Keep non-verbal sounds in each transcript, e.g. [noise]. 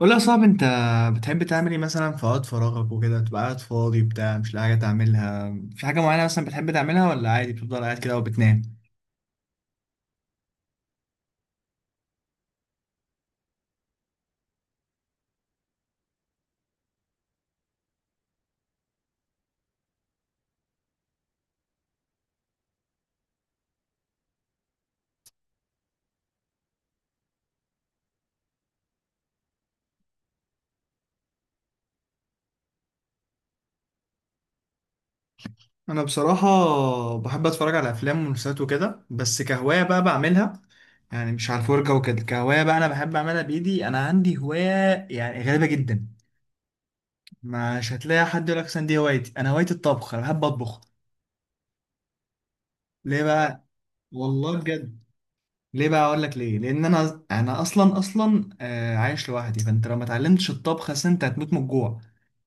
قول لي يا صاحبي، انت بتحب تعمل ايه مثلا في وقت فراغك وكده، تبقى قاعد فاضي بتاع مش لاقي حاجه تعملها؟ في حاجه معينه مثلا بتحب تعملها ولا عادي بتفضل قاعد كده وبتنام؟ انا بصراحه بحب اتفرج على افلام ومسلسلات وكده، بس كهوايه بقى بعملها، يعني مش على الفرجه وكده، كهوايه بقى انا بحب اعملها بايدي. انا عندي هوايه يعني غريبه جدا. مش هتلاقي حد يقول لك مثلا دي هوايتي، انا هوايتي الطبخ، انا بحب اطبخ. ليه بقى؟ والله بجد. ليه بقى؟ اقول لك ليه، لان انا اصلا اصلا عايش لوحدي، فانت لو ما اتعلمتش الطبخ، اصل انت هتموت من الجوع.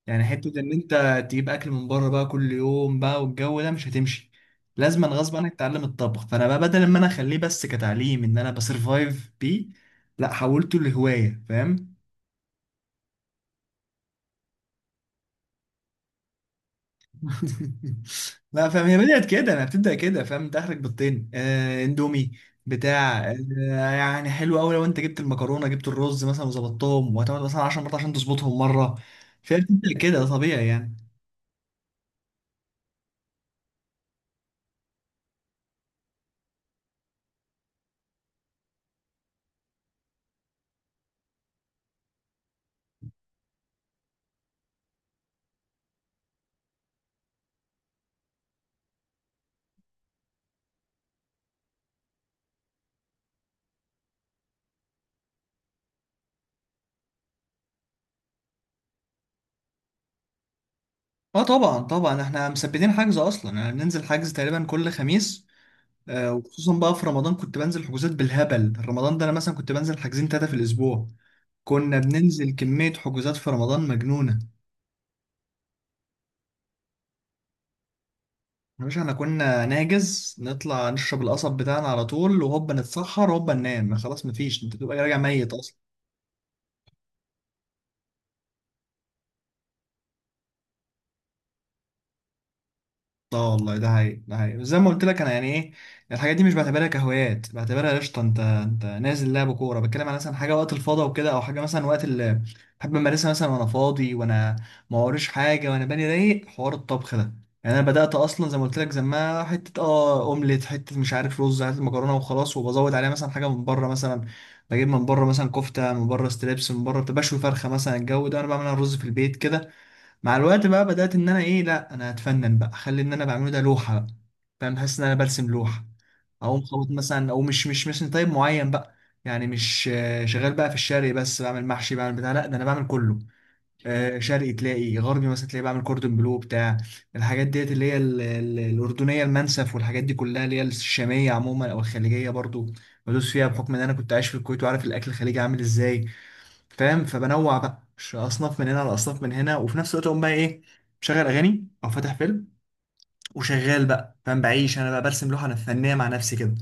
يعني حته ان انت تجيب اكل من بره بقى كل يوم بقى والجو ده، مش هتمشي. لازما غصب عنك تتعلم الطبخ. فانا بقى بدل ما انا اخليه بس كتعليم ان انا بسرفايف بيه، لا، حولته لهوايه. فاهم؟ [laughs] لا فاهم، هي بدأت كده، انا بتبدأ كده. فاهم؟ تاخرك بالطين اندومي بتاع. يعني حلو قوي لو انت جبت المكرونه جبت الرز مثلا وظبطتهم، وهتقعد مثلا 10 مرات عشان تظبطهم مره. فهي بتبدأ كده، ده طبيعي يعني. اه طبعا طبعا احنا مثبتين حجز اصلا، يعني بننزل حجز تقريبا كل خميس. آه، وخصوصا بقى في رمضان كنت بنزل حجوزات بالهبل. رمضان ده انا مثلا كنت بنزل حاجزين ثلاثه في الاسبوع. كنا بننزل كميه حجوزات في رمضان مجنونه. يا باشا، احنا كنا ناجز نطلع نشرب القصب بتاعنا على طول، وهوبا نتسحر، هوبا ننام، خلاص مفيش، انت تبقى راجع ميت. اه والله، ده هي زي ما قلت لك، انا يعني ايه، الحاجات دي مش بعتبرها كهوايات، بعتبرها قشطه. انت نازل لعب كوره، بتكلم على مثلا حاجه وقت الفاضي وكده، او حاجه مثلا وقت اللي بحب امارسها مثلا، وانا فاضي وانا ما وريش حاجه وانا بالي رايق. حوار الطبخ ده، يعني انا بدات اصلا زي ما قلت لك، زمان حته اومليت، حته مش عارف رز، حته مكرونه وخلاص، وبزود عليها مثلا حاجه من بره مثلا. بجيب من بره مثلا كفته من بره، ستريبس من بره، بشوي فرخه مثلا. الجو ده انا بعمل أنا رز في البيت كده. مع الوقت بقى بدأت إن أنا إيه، لأ أنا هتفنن بقى، أخلي إن أنا بعمله ده لوحة بقى. فاهم؟ حاسس إن أنا برسم لوحة، أو مخبط مثلا، أو مش مثلا طيب معين بقى. يعني مش شغال بقى في الشرقي بس بعمل محشي بعمل بتاع، لأ ده أنا بعمل كله. شرقي تلاقي، غربي مثلا تلاقي، بعمل كوردون بلو بتاع، الحاجات ديت اللي هي الأردنية، المنسف، والحاجات دي كلها اللي هي الشامية عموما، أو الخليجية برضو بدوس فيها، بحكم إن أنا كنت عايش في الكويت وعارف الأكل الخليجي عامل إزاي. فاهم؟ فبنوع بقى، مش اصناف من هنا على اصناف من هنا، وفي نفس الوقت اقوم بقى ايه، مشغل اغاني او فاتح فيلم وشغال بقى. فاهم؟ بعيش انا بقى، برسم لوحه انا فنيه مع نفسي كده.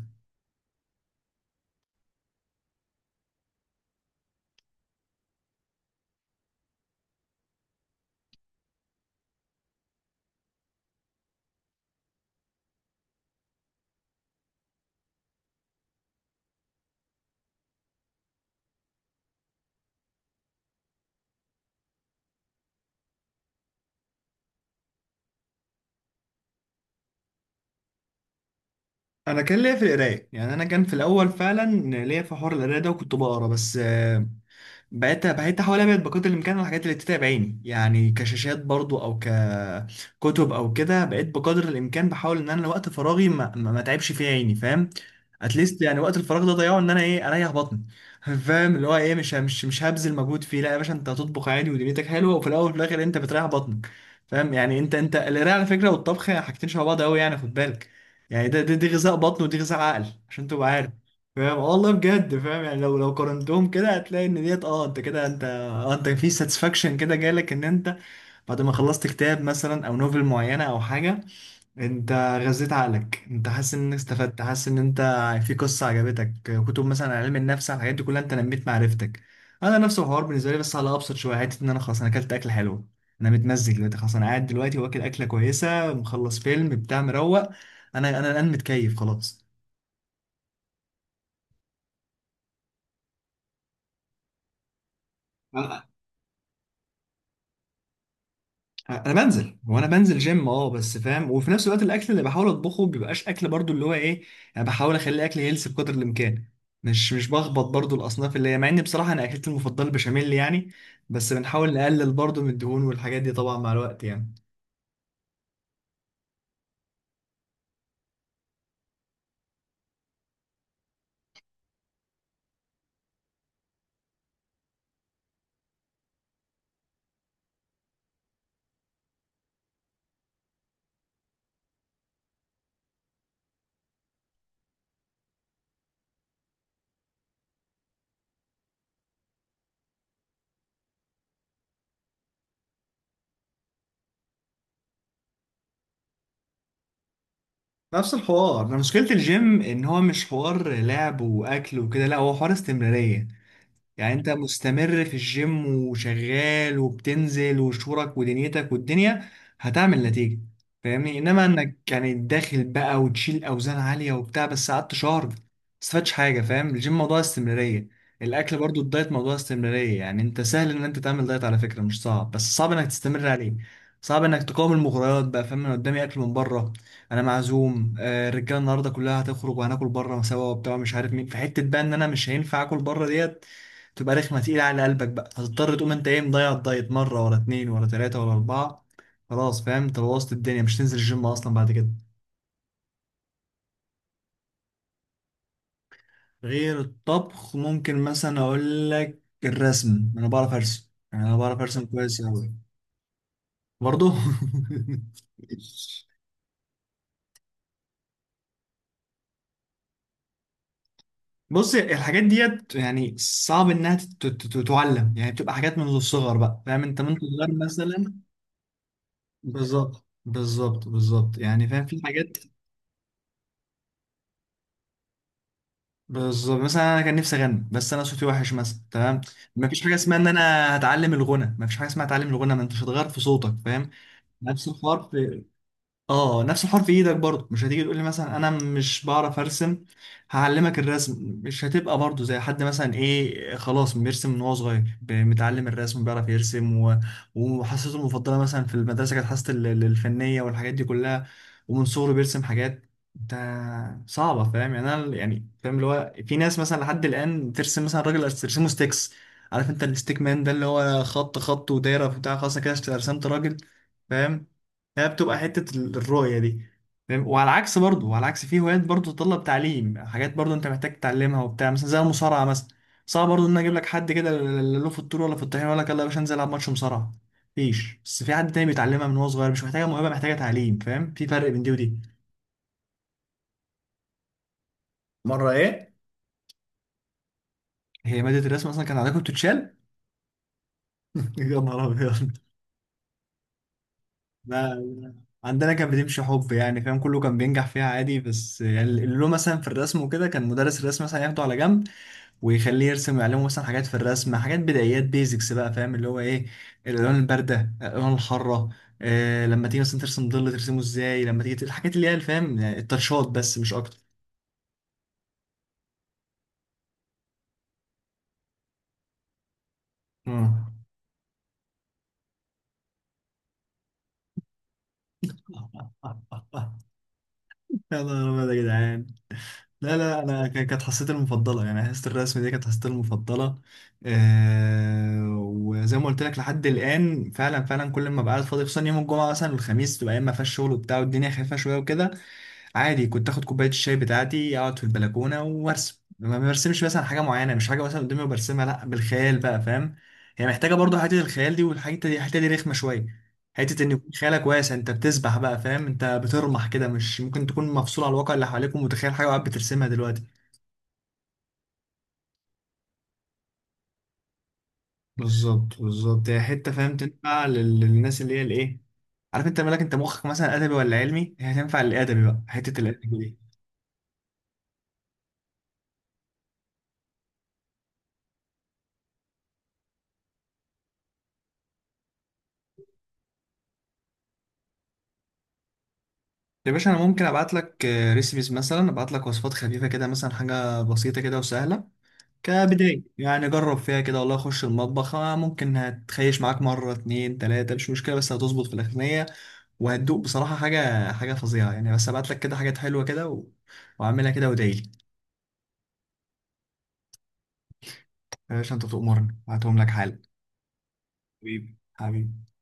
انا كان ليا في القرايه يعني، انا كان في الاول فعلا ليا في حوار القرايه ده وكنت بقرا، بس بقيت احاول ابعد بقدر الامكان عن الحاجات اللي بتتعب عيني، يعني كشاشات برضو، او ككتب، او كده. بقيت بقدر الامكان بحاول ان انا وقت فراغي ما تعبش فيه عيني. فاهم؟ اتليست يعني وقت الفراغ ده ضيعه ان انا ايه، اريح بطني. [laughs] فاهم؟ اللي هو ايه، مش هبذل مجهود فيه. لا يا باشا، انت هتطبخ عادي ودنيتك حلوه، وفي الاول وفي الاخر انت بتريح بطنك. فاهم؟ يعني انت القرايه على فكره والطبخ، حاجتين شبه بعض قوي يعني، خد بالك. يعني دي غذاء بطن، ودي غذاء عقل، عشان تبقى عارف. فاهم؟ آه والله بجد. فاهم؟ يعني لو قارنتهم كده، هتلاقي ان ديت، انت كده، انت انت في ساتسفاكشن كده جالك، ان انت بعد ما خلصت كتاب مثلا او نوفل معينه او حاجه، انت غذيت عقلك، انت حاسس ان استفدت، حاسس ان انت في قصه عجبتك، كتب مثلا عن علم النفس، على الحاجات دي كلها انت نميت معرفتك. انا نفس الحوار بالنسبه لي، بس على ابسط شويه، حته ان انا خلاص انا اكلت اكل حلو، انا متمزج دلوقتي خلاص، انا قاعد دلوقتي واكل اكله كويسه، مخلص فيلم بتاع، مروق. انا الان متكيف خلاص. انا بنزل، هو انا بنزل جيم بس. فاهم؟ وفي نفس الوقت الاكل اللي بحاول اطبخه بيبقاش اكل برضو اللي هو ايه، انا بحاول اخلي اكل هيلثي بقدر الامكان. مش بخبط برضو الاصناف اللي هي، مع ان بصراحه انا اكلتي المفضله البشاميل يعني. بس بنحاول نقلل برضو من الدهون والحاجات دي، طبعا مع الوقت يعني. نفس الحوار، انا مشكله الجيم ان هو مش حوار لعب واكل وكده، لا، هو حوار استمراريه. يعني انت مستمر في الجيم وشغال وبتنزل وشورك ودنيتك، والدنيا هتعمل نتيجة. فاهمني؟ انما انك يعني داخل بقى وتشيل اوزان عالية وبتاع، بس قعدت شهر ما استفادش حاجة. فاهم؟ الجيم موضوع استمرارية. الاكل برضو، الدايت موضوع استمرارية. يعني انت سهل ان انت تعمل دايت على فكرة، مش صعب، بس صعب انك تستمر عليه. صعب انك تقاوم المغريات بقى. فاهم؟ انا قدامي اكل من بره، انا معزوم، الرجاله النهارده كلها هتخرج وهناكل بره سوا وبتاع، مش عارف مين في حته بقى، ان انا مش هينفع اكل بره ديت. تبقى رخمة تقيلة على قلبك بقى، هتضطر تقوم انت ايه، مضيع الدايت مرة ورا اتنين ورا تلاتة ورا أربعة. خلاص. فاهم؟ انت بوظت الدنيا، مش تنزل الجيم أصلا بعد كده. غير الطبخ ممكن مثلا أقول لك الرسم. أنا بعرف أرسم يعني، أنا بعرف أرسم كويس أوي. برضه. [laughs] بص، الحاجات ديت يعني صعب انها تعلم، يعني بتبقى حاجات منذ الصغر بقى. فاهم؟ انت من صغير مثلا. بالظبط، بالظبط، بالظبط يعني. فاهم؟ في حاجات. بالظبط مثلا، انا كان نفسي اغني بس انا صوتي وحش مثلا، تمام؟ ما فيش حاجه اسمها ان انا هتعلم الغنى، ما فيش حاجه اسمها هتعلم الغنى، ما انتش هتغير في صوتك. فاهم؟ نفس الحوار في اه نفس حرف ايدك برضه. مش هتيجي تقول لي مثلا انا مش بعرف ارسم، هعلمك الرسم. مش هتبقى برضه زي حد مثلا ايه، خلاص بيرسم من وهو صغير، متعلم الرسم بيعرف يرسم وحصته المفضله مثلا في المدرسه كانت حصه الفنيه والحاجات دي كلها، ومن صغره بيرسم حاجات. انت صعبه. فاهم؟ يعني انا يعني فاهم اللي هو، في ناس مثلا لحد الان ترسم مثلا راجل ترسمه ستيكس. عارف انت الستيك مان ده اللي هو خط خط ودايره بتاع، خلاص أنا كده رسمت راجل. فاهم؟ هي بتبقى حتة الرؤية دي. فاهم؟ وعلى العكس في هوايات برضه تتطلب تعليم، حاجات برضه انت محتاج تتعلمها وبتاع، مثلا زي المصارعة مثلا. صعب برضه ان أنا اجيب لك حد كده، لا له في الطول ولا في الطحين، ولا يلا يا باشا انزل العب ماتش مصارعة. مفيش. بس في حد تاني بيتعلمها من وهو صغير، مش محتاجة موهبة، محتاجة تعليم. فاهم؟ في فرق بين دي ودي. مرة ايه؟ هي مادة الرسم اصلا كان عندكم بتتشال؟ [laughs] يا نهار ابيض. لا، عندنا كانت بتمشي حب يعني، فاهم؟ كله كان بينجح فيها عادي، بس يعني اللي له مثلا في الرسم وكده، كان مدرس الرسم مثلا ياخده على جنب ويخليه يرسم، عليهم مثلا حاجات في الرسم، حاجات بدايات بيزكس بقى. فاهم اللي هو ايه؟ الالوان البارده، الالوان الحاره، آه لما تيجي مثلا ترسم ظل ترسمه ازاي، لما تيجي الحاجات اللي هي الفهم يعني، التاتشات، بس مش اكتر. مم. [laughs] يا نهار أبيض يا جدعان. لا، لا، أنا كانت حصتي المفضلة يعني، حصة الرسم دي كانت حصتي المفضلة. أه، وزي ما قلت لك لحد الآن فعلا فعلا، كل ما بقعد فاضي، خصوصا يوم الجمعة مثلا والخميس، تبقى أيام ما فيهاش شغل وبتاع، والدنيا خفيفة شوية وكده، عادي كنت اخد كوبايه الشاي بتاعتي، اقعد في البلكونه وارسم. ما برسمش مثلا حاجه معينه، مش حاجه مثلا قدامي وبرسمها، لا، بالخيال بقى. فاهم؟ هي محتاجه برضو حته الخيال دي، والحته دي، الحته دي رخمه شويه. حته ان يكون خيالك واسع، انت بتسبح بقى. فاهم؟ انت بترمح كده، مش ممكن تكون مفصول على الواقع اللي حواليك، ومتخيل حاجه وقاعد بترسمها دلوقتي. بالظبط، بالظبط، هي حته، فاهم؟ تنفع للناس اللي هي الايه، عارف انت مالك، انت مخك مثلا ادبي ولا علمي، هي تنفع للادبي بقى، حته الادبي. يا باشا، انا ممكن ابعت لك ريسيبيز مثلا، ابعت لك وصفات خفيفه كده، مثلا حاجه بسيطه كده وسهله كبدايه يعني. جرب فيها كده والله، خش المطبخ. ممكن هتخيش معاك مره اتنين تلاته، مش مشكله، بس هتظبط في الاغنيه، وهتدوق بصراحه حاجه حاجه فظيعه يعني. بس ابعت لك كده حاجات حلوه كده واعملها كده وادعيلي. يا باشا، انت تؤمرني هبعتهم لك حالا. حبيبي حبيبي.